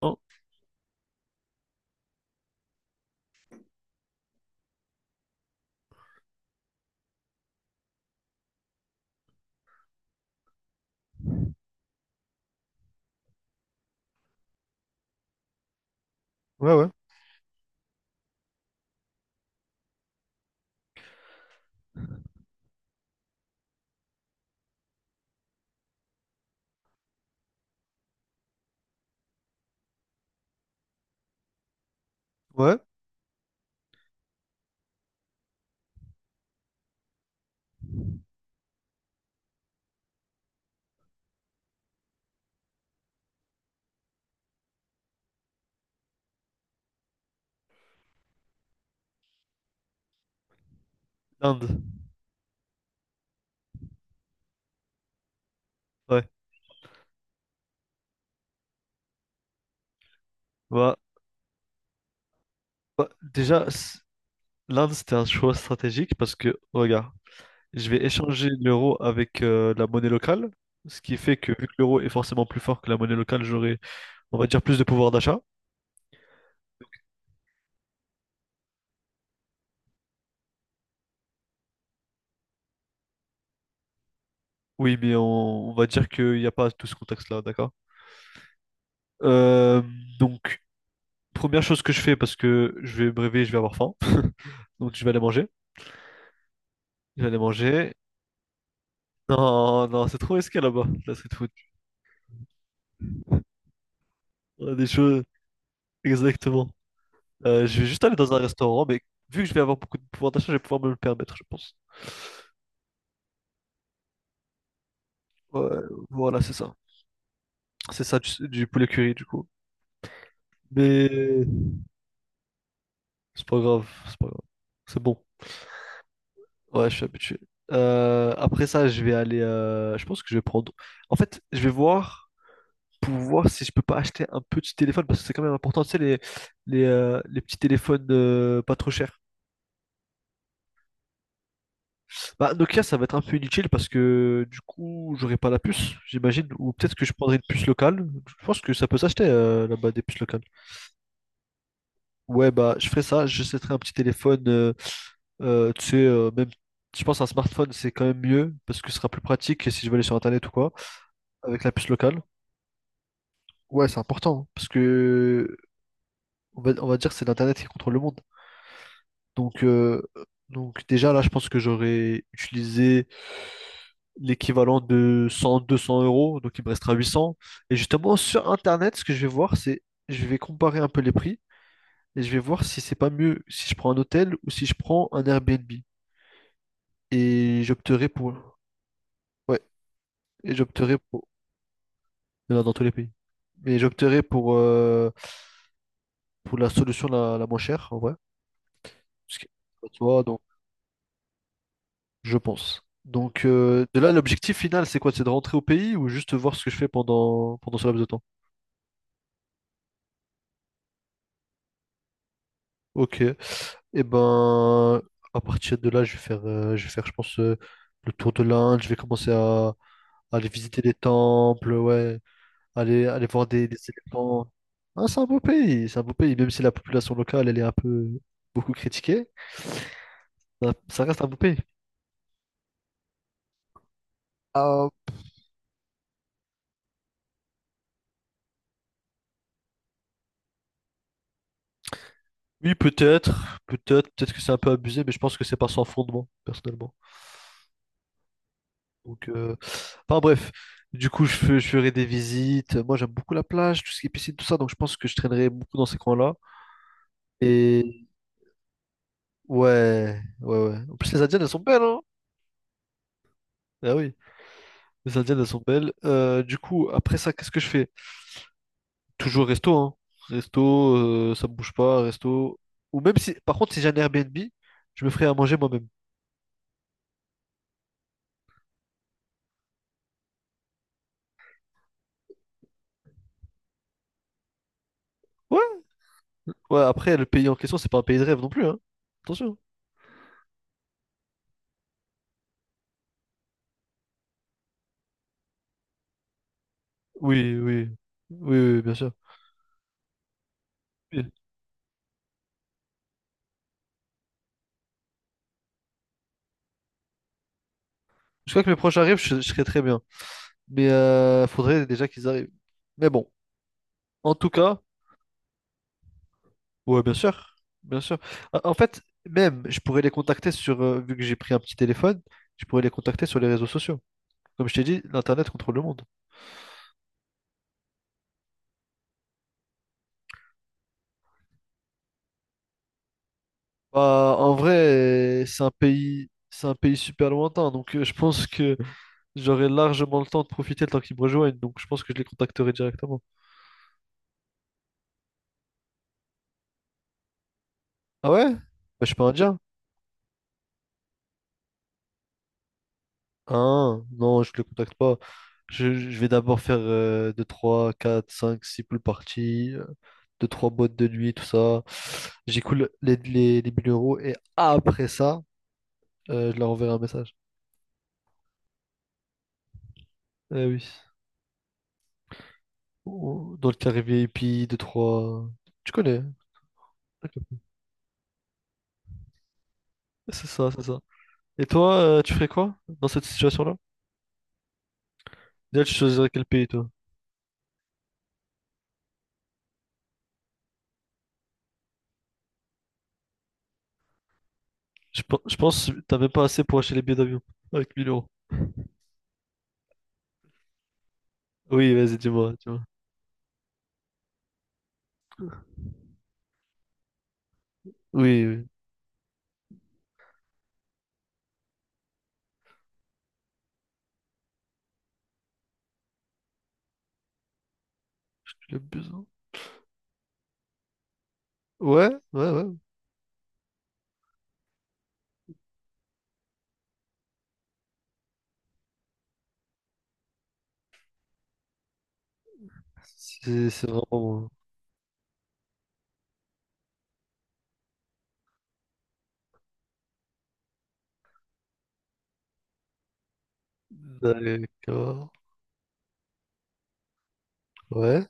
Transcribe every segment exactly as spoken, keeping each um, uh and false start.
Non. Ouais, ouais. Ouais, l'Inde. Ouais. Bah, bah, déjà, c- l'Inde, c'était un choix stratégique parce que, regarde, je vais échanger l'euro avec euh, la monnaie locale, ce qui fait que, vu que l'euro est forcément plus fort que la monnaie locale, j'aurai, on va dire, plus de pouvoir d'achat. Oui, mais on, on va dire qu'il n'y a pas tout ce contexte-là, d'accord? Euh, donc, première chose que je fais parce que je vais me réveiller, je vais avoir faim. Donc, je vais aller manger. Je vais aller manger. Non, non, c'est trop risqué là-bas, la street food. On a des choses. Exactement. Euh, je vais juste aller dans un restaurant, mais vu que je vais avoir beaucoup de pouvoir d'achat, je vais pouvoir me le permettre, je pense. Ouais, voilà, c'est ça. C'est ça du, du poulet curry, du coup. Mais c'est pas grave, c'est pas grave. C'est bon. Ouais, je suis habitué. Euh, après ça, je vais aller. euh, je pense que je vais prendre. En fait, je vais voir pour voir si je peux pas acheter un petit téléphone parce que c'est quand même important. Tu sais, les, les, euh, les petits téléphones euh, pas trop chers. Bah, Nokia, ça va être un peu inutile parce que du coup, j'aurai pas la puce, j'imagine. Ou peut-être que je prendrai une puce locale. Je pense que ça peut s'acheter euh, là-bas des puces locales. Ouais, bah, je ferai ça. J'achèterai un petit téléphone, euh, euh, tu sais, euh, même, je pense un smartphone, c'est quand même mieux parce que ce sera plus pratique si je veux aller sur Internet ou quoi, avec la puce locale. Ouais, c'est important hein, parce que on va, on va dire que c'est l'Internet qui contrôle le monde. Donc, euh, donc déjà là, je pense que j'aurais utilisé l'équivalent de cent, deux cents euros, donc il me restera huit cents. Et justement, sur Internet, ce que je vais voir, c'est je vais comparer un peu les prix et je vais voir si c'est pas mieux si je prends un hôtel ou si je prends un Airbnb. Et j'opterai pour... Ouais, et j'opterai pour... Il y en a dans tous les pays. Mais j'opterai pour, euh, pour la solution la, la moins chère, en vrai. Parce que, tu vois, donc, je pense. Donc, euh, de là, l'objectif final, c'est quoi? C'est de rentrer au pays ou juste voir ce que je fais pendant, pendant ce laps de temps? Ok. Et ben, à partir de là, je vais faire, euh, je vais faire, je pense, euh, le tour de l'Inde. Je vais commencer à, à aller visiter les temples, ouais, aller, aller voir des, des éléphants. Ah, c'est un beau pays, c'est un beau pays, même si la population locale, elle est un peu beaucoup critiquée, ça ça reste un beau pays. Ah, oui, peut-être, peut-être, peut-être que c'est un peu abusé, mais je pense que c'est pas sans fondement, personnellement. Donc, euh, enfin bref, du coup, je, fais- je ferai des visites. Moi, j'aime beaucoup la plage, tout ce qui est piscine, tout ça, donc je pense que je traînerai beaucoup dans ces coins-là. Et. Ouais, ouais, ouais. En plus, les Indiennes, elles sont belles, hein? Ah oui, les Indiennes, elles sont belles. Euh, du coup, après ça, qu'est-ce que je fais? Toujours resto, hein? Resto, euh, ça me bouge pas, resto. Ou même si, par contre, si j'ai un Airbnb, je me ferai à manger moi-même. Ouais, ouais, après, le pays en question, c'est pas un pays de rêve non plus, hein? Attention. Oui, oui, oui, oui, bien sûr. Oui. Jusqu'à que mes proches arrivent, je, je serai très bien. Mais euh, faudrait déjà qu'ils arrivent. Mais bon, en tout cas. Ouais, bien sûr, bien sûr. En en fait, même, je pourrais les contacter sur, euh, vu que j'ai pris un petit téléphone, je pourrais les contacter sur les réseaux sociaux. Comme je t'ai dit, l'Internet contrôle le monde. Bah, en vrai, c'est un pays, c'est un pays super lointain, donc euh, je pense que j'aurai largement le temps de profiter le temps qu'ils me rejoignent, donc je pense que je les contacterai directement. Ah ouais? Bah, je suis pas indien. Un, non, je le contacte pas. Je, je vais d'abord faire euh, deux trois quatre cinq six pool parties, euh, deux trois boîtes de nuit, tout ça. J'écoule les, les, les mille euros et après ça, euh, je leur enverrai un message. Eh oui. Ou- Dans le carré V I P, deux trois. Tu connais, hein. D'accord. C'est ça, c'est ça. Et toi, euh, tu ferais quoi dans cette situation-là? Déjà, tu choisirais quel pays, toi? Je, pen- je pense que t'as même pas assez pour acheter les billets d'avion avec mille euros. Oui, vas-y, dis-moi, dis-moi. Oui, oui, j'ai besoin. Ouais, ouais, ouais. C'est c'est vraiment... D'accord. Ouais.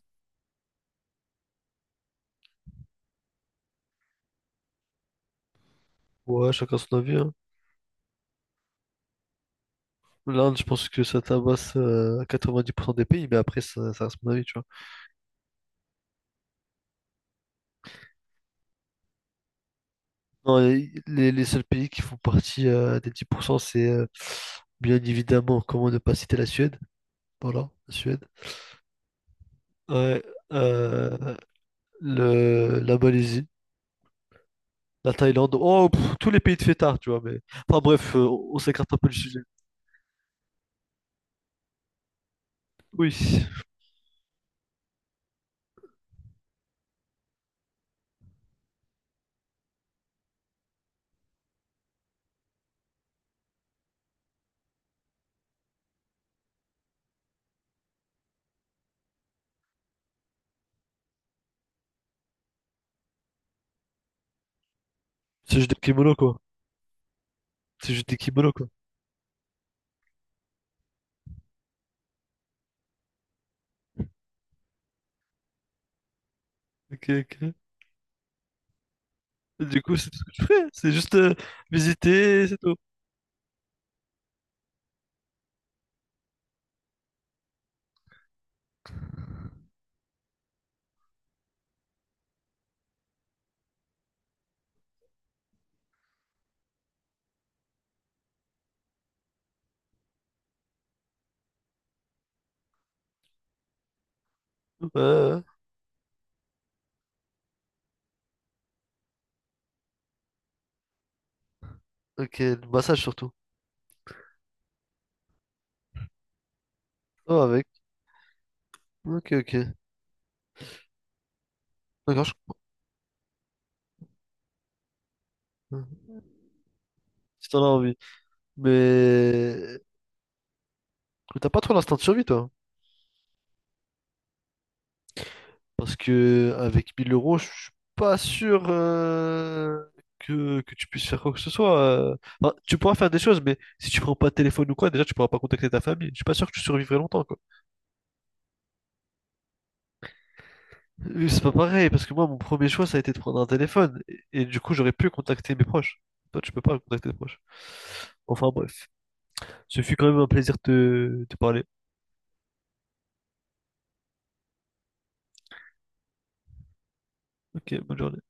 Ouais, chacun son avis, hein. L'Inde, je pense que ça tabasse euh, à quatre-vingt-dix pour cent des pays, mais après, ça, ça reste mon avis, tu vois. Non, les, les- les seuls pays qui font partie euh, des dix pour cent c'est euh, bien évidemment, comment ne pas citer la Suède. Voilà, la Suède. Ouais, euh, le, la Malaisie, la Thaïlande. Oh, pff, tous les pays de fêtards, tu vois, mais... Enfin bref, euh, on on s'écarte un peu du sujet. Oui, c'est juste des kimonos, quoi. C'est juste des kimonos, quoi. Ok, ok. Et. Du coup, c'est tout ce que tu fais. C'est juste euh, visiter, c'est tout. Ouais, ouais. Ok, le massage surtout. Oh, avec. Ok, ok. D'accord, je... Si t'en as envie. Mais t'as pas trop l'instinct de survie, toi. Parce que avec mille euros, je suis pas sûr euh, que, que tu puisses faire quoi que ce soit. euh. Enfin, tu pourras faire des choses, mais si tu prends pas de téléphone ou quoi, déjà, tu pourras pas contacter ta famille. Je suis pas sûr que tu survivrais longtemps, quoi. Euh, C'est pas pareil, parce que moi, mon premier choix, ça a été de prendre un téléphone. Et, et du coup, j'aurais pu contacter mes proches. Toi, tu peux pas contacter tes proches. Enfin, bref. Ce fut quand même un plaisir de te parler. Ok, bonne journée.